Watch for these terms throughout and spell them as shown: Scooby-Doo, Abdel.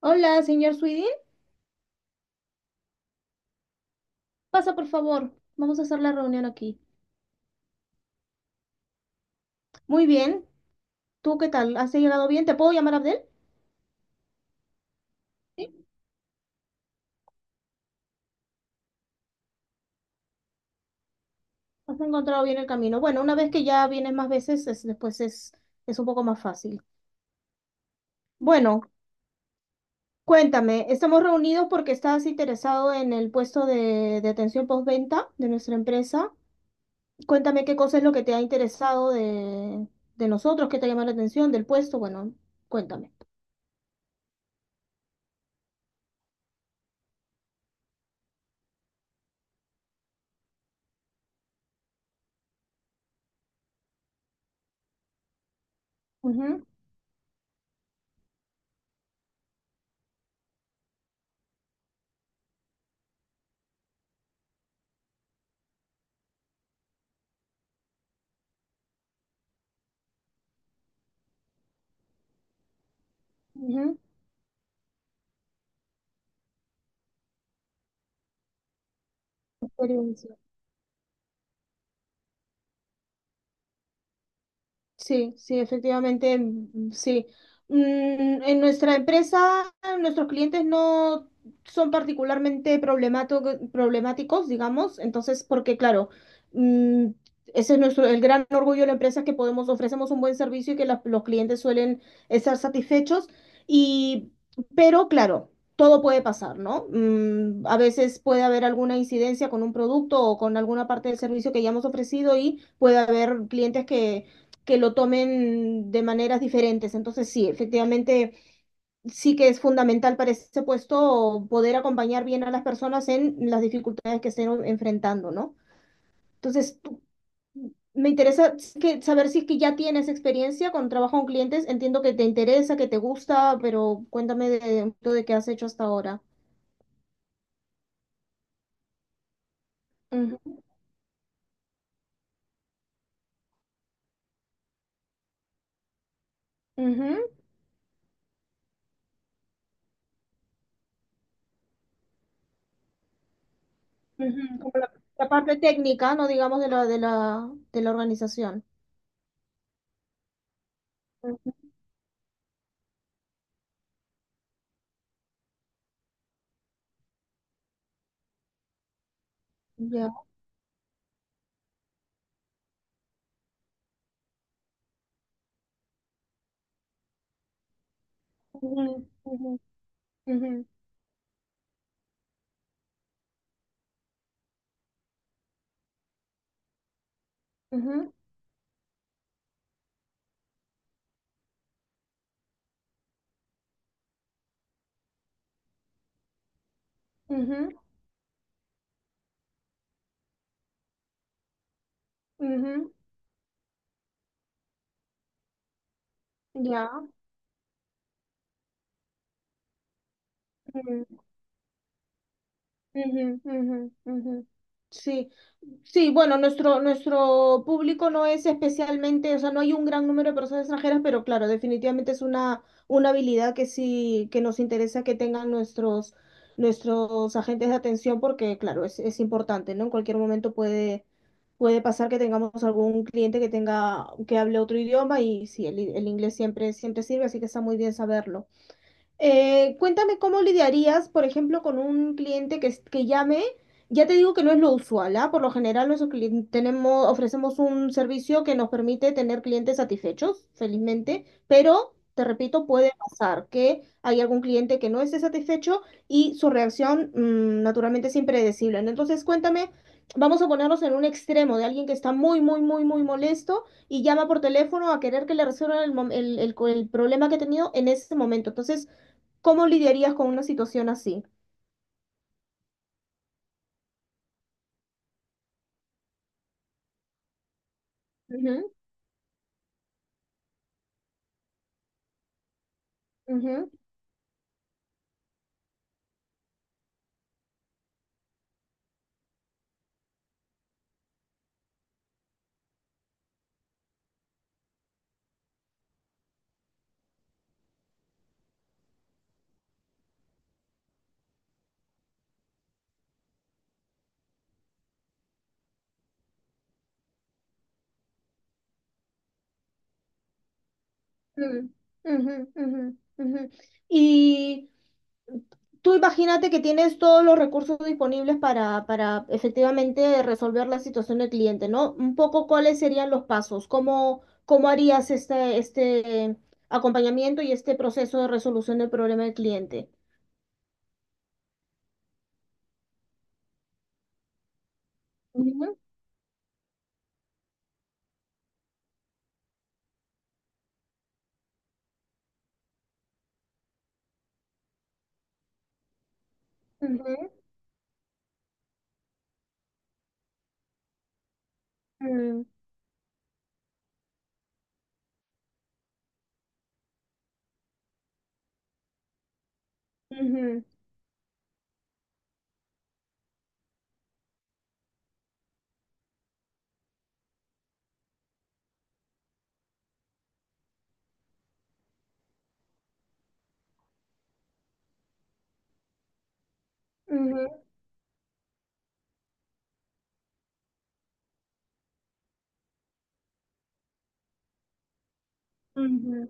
Hola, señor Sweden. Pasa, por favor. Vamos a hacer la reunión aquí. Muy bien. ¿Tú qué tal? ¿Has llegado bien? ¿Te puedo llamar Abdel? ¿Sí? ¿Has encontrado bien el camino? Bueno, una vez que ya vienes más veces, es un poco más fácil. Bueno, cuéntame. Estamos reunidos porque estás interesado en el puesto de atención postventa de nuestra empresa. Cuéntame qué cosa es lo que te ha interesado de nosotros, qué te ha llamado la atención, del puesto. Bueno, cuéntame. Ujú, ujú. Experiencia. Sí, sí, efectivamente, sí. En nuestra empresa, nuestros clientes no son problemáticos, digamos, entonces, porque claro, mm, ese es nuestro, el gran orgullo de la empresa es que podemos, ofrecemos un buen servicio y que los clientes suelen estar satisfechos. Y, pero claro, todo puede pasar, ¿no? A veces puede haber alguna incidencia con un producto o con alguna parte del servicio que ya hemos ofrecido y puede haber clientes que lo tomen de maneras diferentes. Entonces, sí, efectivamente, sí que es fundamental para ese puesto poder acompañar bien a las personas en las dificultades que estén enfrentando, ¿no? Entonces, me interesa que, saber si es que ya tienes experiencia con trabajo con clientes. Entiendo que te interesa, que te gusta, pero cuéntame de qué has hecho hasta ahora. Ujú, ujú, ujú. Como la parte técnica, no digamos de la organización. Ujú. Ya. Ujú, ujú, ujú, ujú. Ujú, ujú, ya. Ujú, ujú, ujú, ujú. Sí, sí, bueno, nuestro, nuestro público no es especialmente, o sea, no hay un gran número de personas extranjeras, pero claro, definitivamente es una habilidad que sí, que nos interesa que tengan nuestros, nuestros agentes de atención, porque claro, es importante, ¿no? En cualquier momento puede, puede pasar que tengamos algún cliente que tenga, que hable otro idioma y sí, el inglés siempre, siempre sirve, así que está muy bien saberlo. Cuéntame cómo lidiarías, por ejemplo, con un cliente que llame. Ya te digo que no es lo usual, ¿ah? Por lo general, tenemos, ofrecemos un servicio que nos permite tener clientes satisfechos, felizmente, pero te repito, puede pasar que hay algún cliente que no esté satisfecho y su reacción, naturalmente es impredecible, ¿no? Entonces, cuéntame, vamos a ponernos en un extremo de alguien que está muy, muy, muy, muy molesto y llama por teléfono a querer que le resuelvan el, mom- el problema que ha tenido en ese momento. Entonces, ¿cómo lidiarías con una situación así? Ujú, ujú, ujú, ujú, ujú, ujú. Y tú imagínate que tienes todos los recursos disponibles para efectivamente resolver la situación del cliente, ¿no? Un poco cuáles serían los pasos, cómo, cómo harías este, este acompañamiento y este proceso de resolución del problema del cliente. Ujú, ujú, ujú, ujú, ujú, ujú.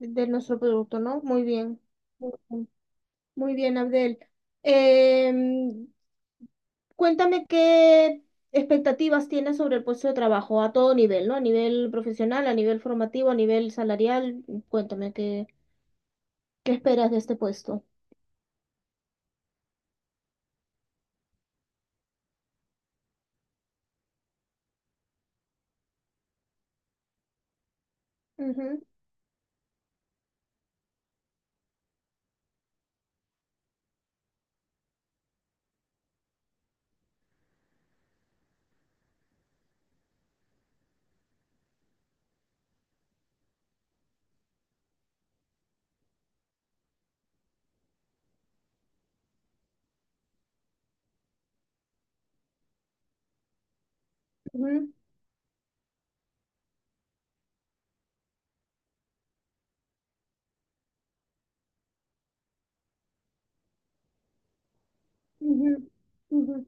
De nuestro producto, ¿no? Muy bien. Muy bien, Abdel. Em, cuéntame qué expectativas tienes sobre el puesto de trabajo a todo nivel, ¿no? A nivel profesional, a nivel formativo, a nivel salarial. Cuéntame qué, qué esperas de este puesto. Ujú, ujú, ujú, ujú,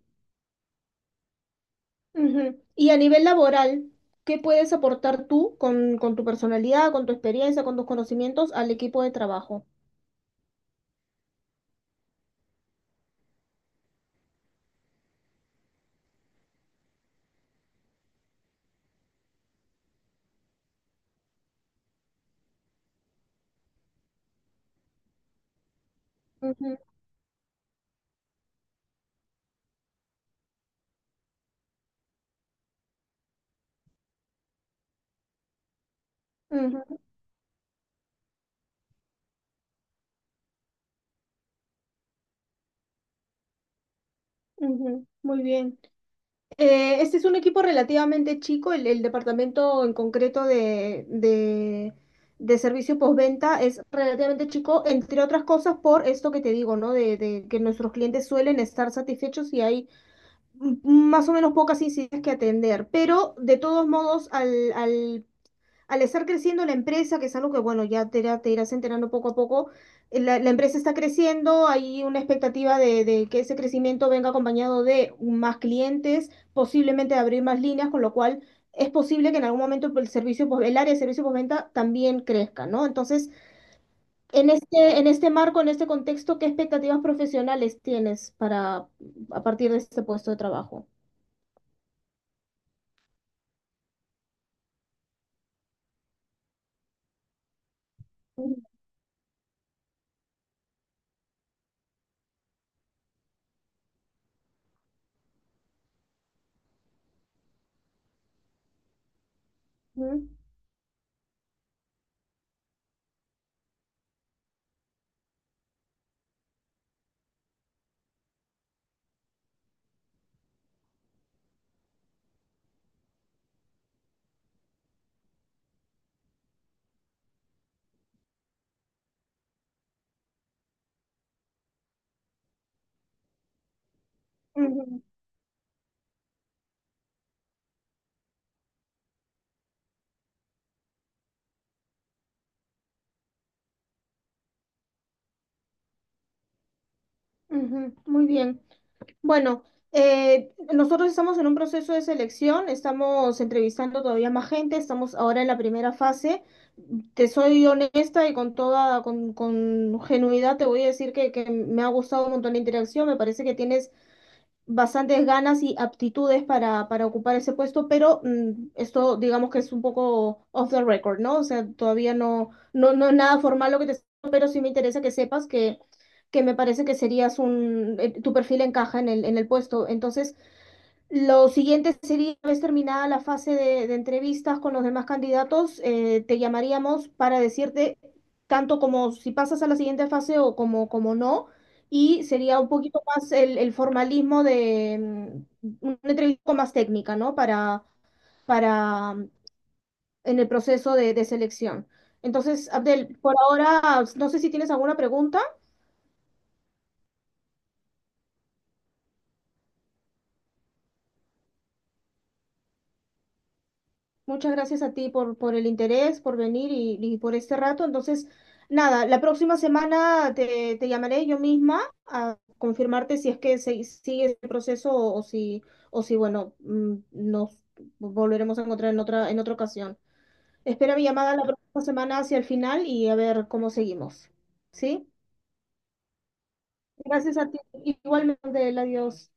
ujú. Y a nivel laboral, ¿qué puedes aportar tú con tu personalidad, con tu experiencia, con tus conocimientos al equipo de trabajo? Ujú, ujú, ujú. Muy bien. Este es un equipo relativamente chico, el departamento en concreto de servicio postventa es relativamente chico, entre otras cosas por esto que te digo, ¿no? De que nuestros clientes suelen estar satisfechos y hay más o menos pocas incidencias que atender, pero de todos modos al estar creciendo la empresa, que es algo que, bueno, te irás enterando poco a poco, la empresa está creciendo, hay una expectativa de que ese crecimiento venga acompañado de más clientes, posiblemente de abrir más líneas, con lo cual es posible que en algún momento pues, el área de servicio postventa también crezca, ¿no? Entonces, en este marco, en este contexto, ¿qué expectativas profesionales tienes para, a partir de este puesto de trabajo? Ujú, ujú, ujú. Muy bien. Bueno, nosotros estamos en un proceso de selección, estamos entrevistando todavía más gente, estamos ahora en la primera fase. Te soy honesta y con toda, con genuidad te voy a decir que me ha gustado un montón la interacción, me parece que tienes bastantes ganas y aptitudes para ocupar ese puesto, pero esto digamos que es un poco off the record, ¿no? O sea, todavía no, no, no es nada formal lo que te estoy diciendo, pero sí me interesa que sepas que me parece que serías un, tu perfil encaja en en el puesto. Entonces, lo siguiente sería, una vez terminada la fase de entrevistas con los demás candidatos, te llamaríamos para decirte tanto como si pasas a la siguiente fase o como, como no, y sería un poquito más el formalismo de una entrevista más técnica, ¿no? Para en el proceso de selección. Entonces, Abdel, por ahora, no sé si tienes alguna pregunta. Muchas gracias a ti por el interés, por venir y por este rato. Entonces, nada, la próxima semana te, te llamaré yo misma a confirmarte si es que se, sigue el proceso o si, bueno, nos volveremos a encontrar en otra ocasión. Espera mi llamada la próxima semana hacia el final y a ver cómo seguimos. ¿Sí? Gracias a ti. Igualmente, adiós.